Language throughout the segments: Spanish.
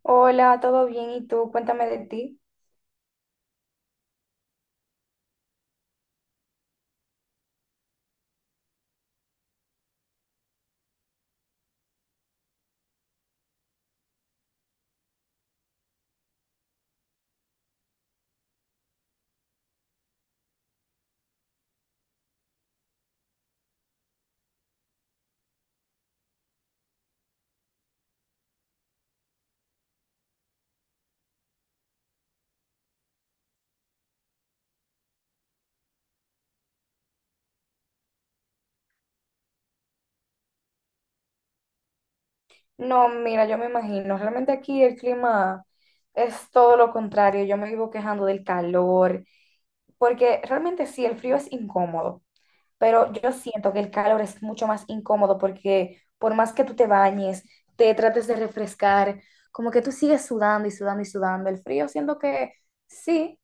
Hola, ¿todo bien? ¿Y tú? Cuéntame de ti. No, mira, yo me imagino, realmente aquí el clima es todo lo contrario. Yo me vivo quejando del calor, porque realmente sí, el frío es incómodo, pero yo siento que el calor es mucho más incómodo porque por más que tú te bañes, te trates de refrescar, como que tú sigues sudando y sudando y sudando. El frío siento que sí,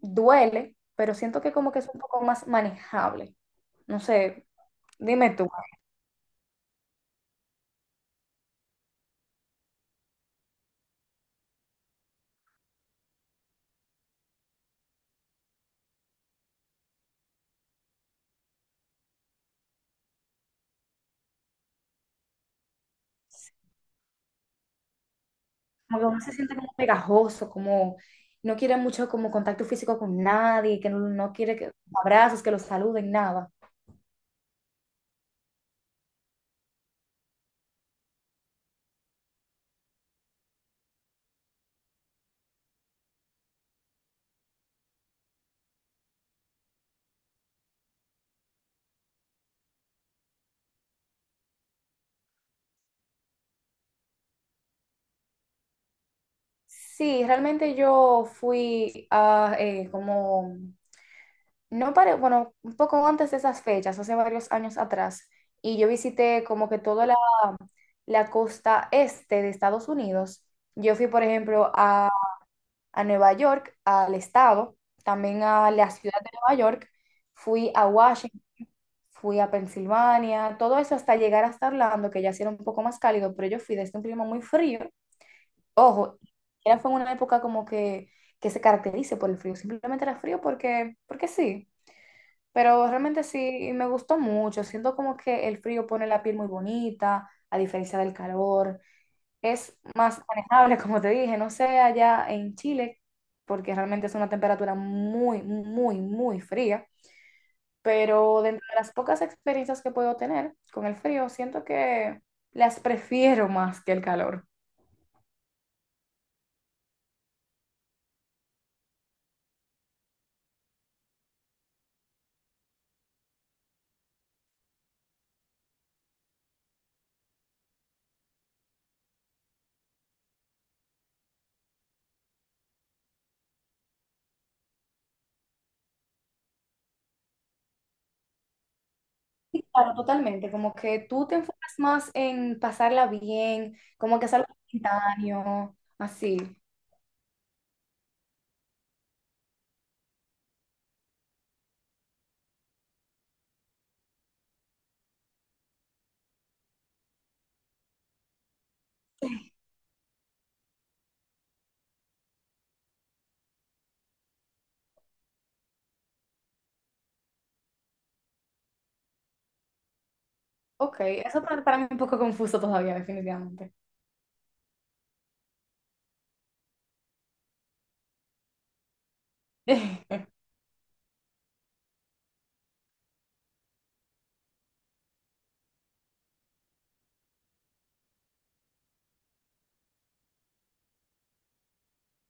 duele, pero siento que como que es un poco más manejable. No sé, dime tú. Como que uno se siente como pegajoso, como no quiere mucho como contacto físico con nadie, que no, no quiere que abrazos, que los saluden, nada. Sí, realmente yo fui a como, no para, bueno, un poco antes de esas fechas, hace varios años atrás, y yo visité como que toda la, la costa este de Estados Unidos. Yo fui, por ejemplo, a Nueva York, al estado, también a la ciudad de Nueva York, fui a Washington, fui a Pensilvania, todo eso hasta llegar hasta Orlando, que ya sí era un poco más cálido, pero yo fui desde un clima muy frío. Ojo, era fue una época como que se caracterice por el frío, simplemente era frío porque, porque sí, pero realmente sí me gustó mucho, siento como que el frío pone la piel muy bonita, a diferencia del calor, es más manejable, como te dije, no sé allá en Chile, porque realmente es una temperatura muy, muy, muy fría, pero dentro de las pocas experiencias que puedo tener con el frío, siento que las prefiero más que el calor. Sí, claro, totalmente, como que tú te enfocas más en pasarla bien, como que es algo instantáneo, así. Ok, eso para mí es un poco confuso todavía, definitivamente.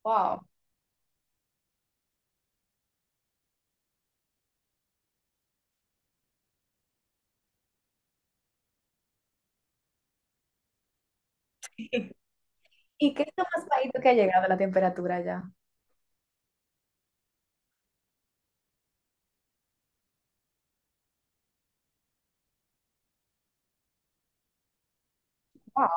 Wow. ¿Y qué es lo más bajito que ha llegado la temperatura ya? Wow.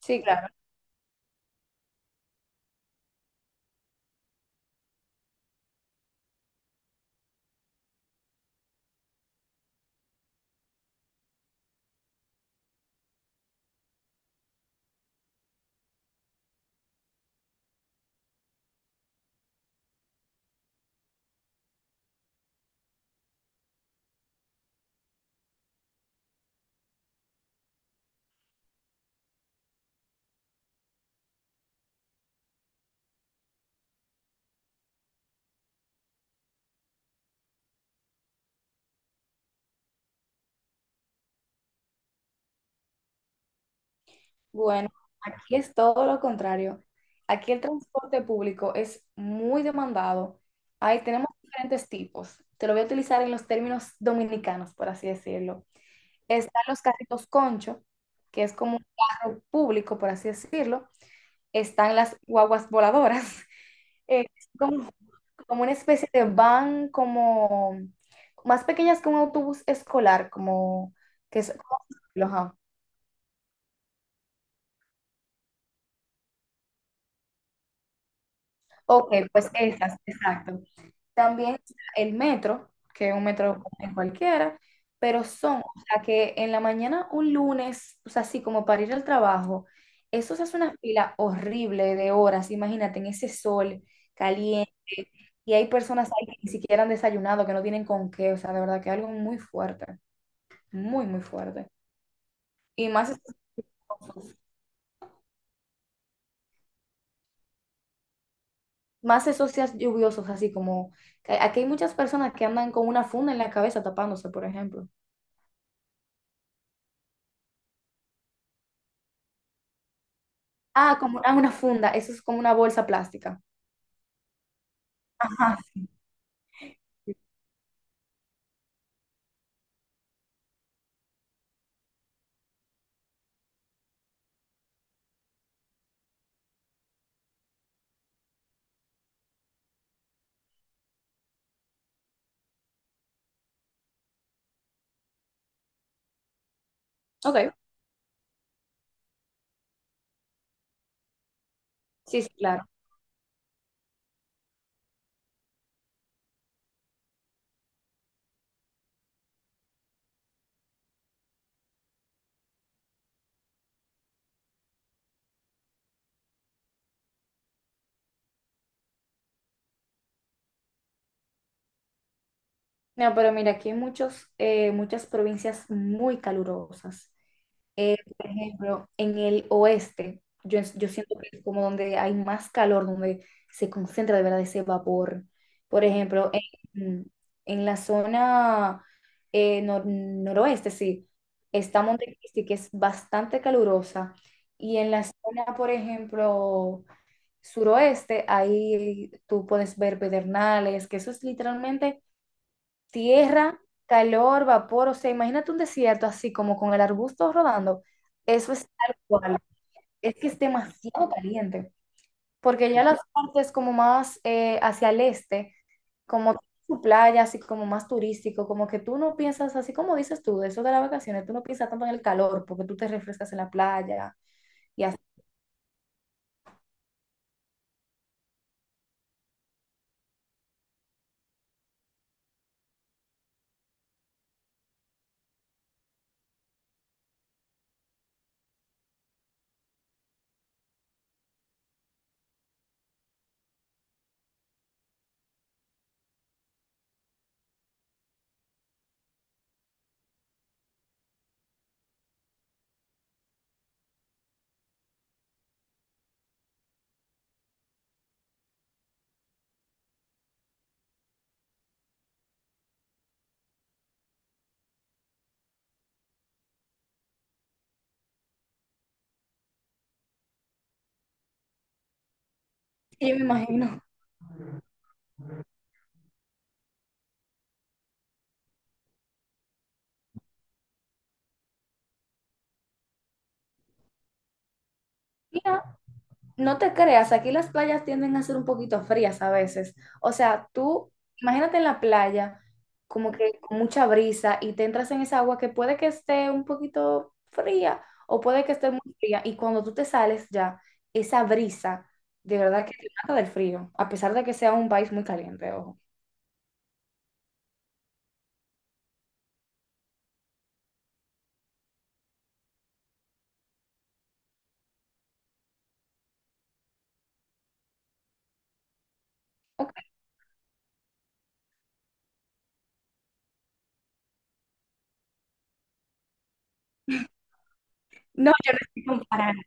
Sí, claro. Bueno, aquí es todo lo contrario. Aquí el transporte público es muy demandado. Ahí tenemos diferentes tipos. Te lo voy a utilizar en los términos dominicanos, por así decirlo. Están los carritos concho, que es como un carro público, por así decirlo. Están las guaguas voladoras, que son como, como una especie de van, como más pequeñas que un autobús escolar, como que es, ok, pues esas, exacto. También está el metro, que es un metro en cualquiera, pero son, o sea, que en la mañana un lunes, o sea, así como para ir al trabajo, eso se hace una fila horrible de horas, imagínate, en ese sol caliente, y hay personas ahí que ni siquiera han desayunado, que no tienen con qué, o sea, de verdad que es algo muy fuerte, muy, muy fuerte. Y más, esos- más esos días lluviosos, así como, que aquí hay muchas personas que andan con una funda en la cabeza tapándose, por ejemplo. Ah, una funda, eso es como una bolsa plástica. Ajá. Ok, sí, sí, claro. No, pero mira, aquí hay muchos, muchas provincias muy calurosas. Por ejemplo, en el oeste, yo siento que es como donde hay más calor, donde se concentra de verdad ese vapor. Por ejemplo, en, en la zona noroeste, sí, está Montecristi, que es bastante calurosa. Y en la zona, por ejemplo, suroeste, ahí tú puedes ver pedernales, que eso es literalmente tierra, calor, vapor, o sea, imagínate un desierto así como con el arbusto rodando, eso es tal cual, es que es demasiado caliente, porque ya las partes como más hacia el este, como su playa, así como más turístico, como que tú no piensas, así como dices tú, de eso de las vacaciones, tú no piensas tanto en el calor, porque tú te refrescas en la playa y así, yo me imagino. Mira, no te creas, aquí las playas tienden a ser un poquito frías a veces. O sea, tú imagínate en la playa, como que con mucha brisa y te entras en esa agua que puede que esté un poquito fría o puede que esté muy fría. Y cuando tú te sales ya, esa brisa, de verdad que te mata del frío, a pesar de que sea un país muy caliente, ojo. Ok. No, yo no estoy comparando,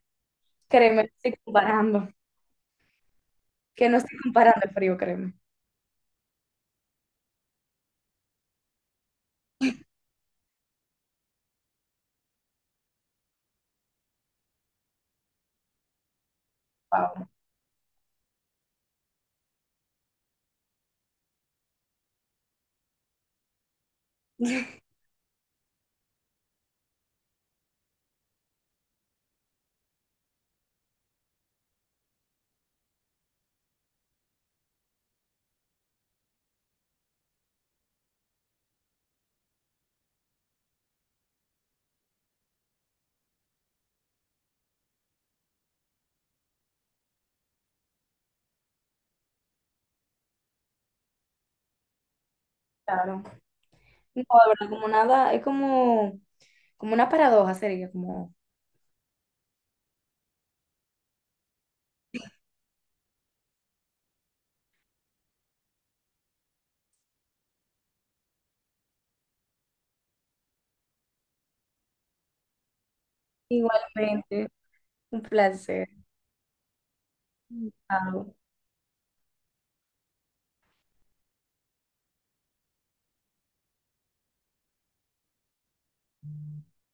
créeme, no estoy comparando, que no estoy comparando el frío, créeme. Wow. Claro. No, de verdad, como nada, es como, como una paradoja sería, como igualmente, un placer. Chao.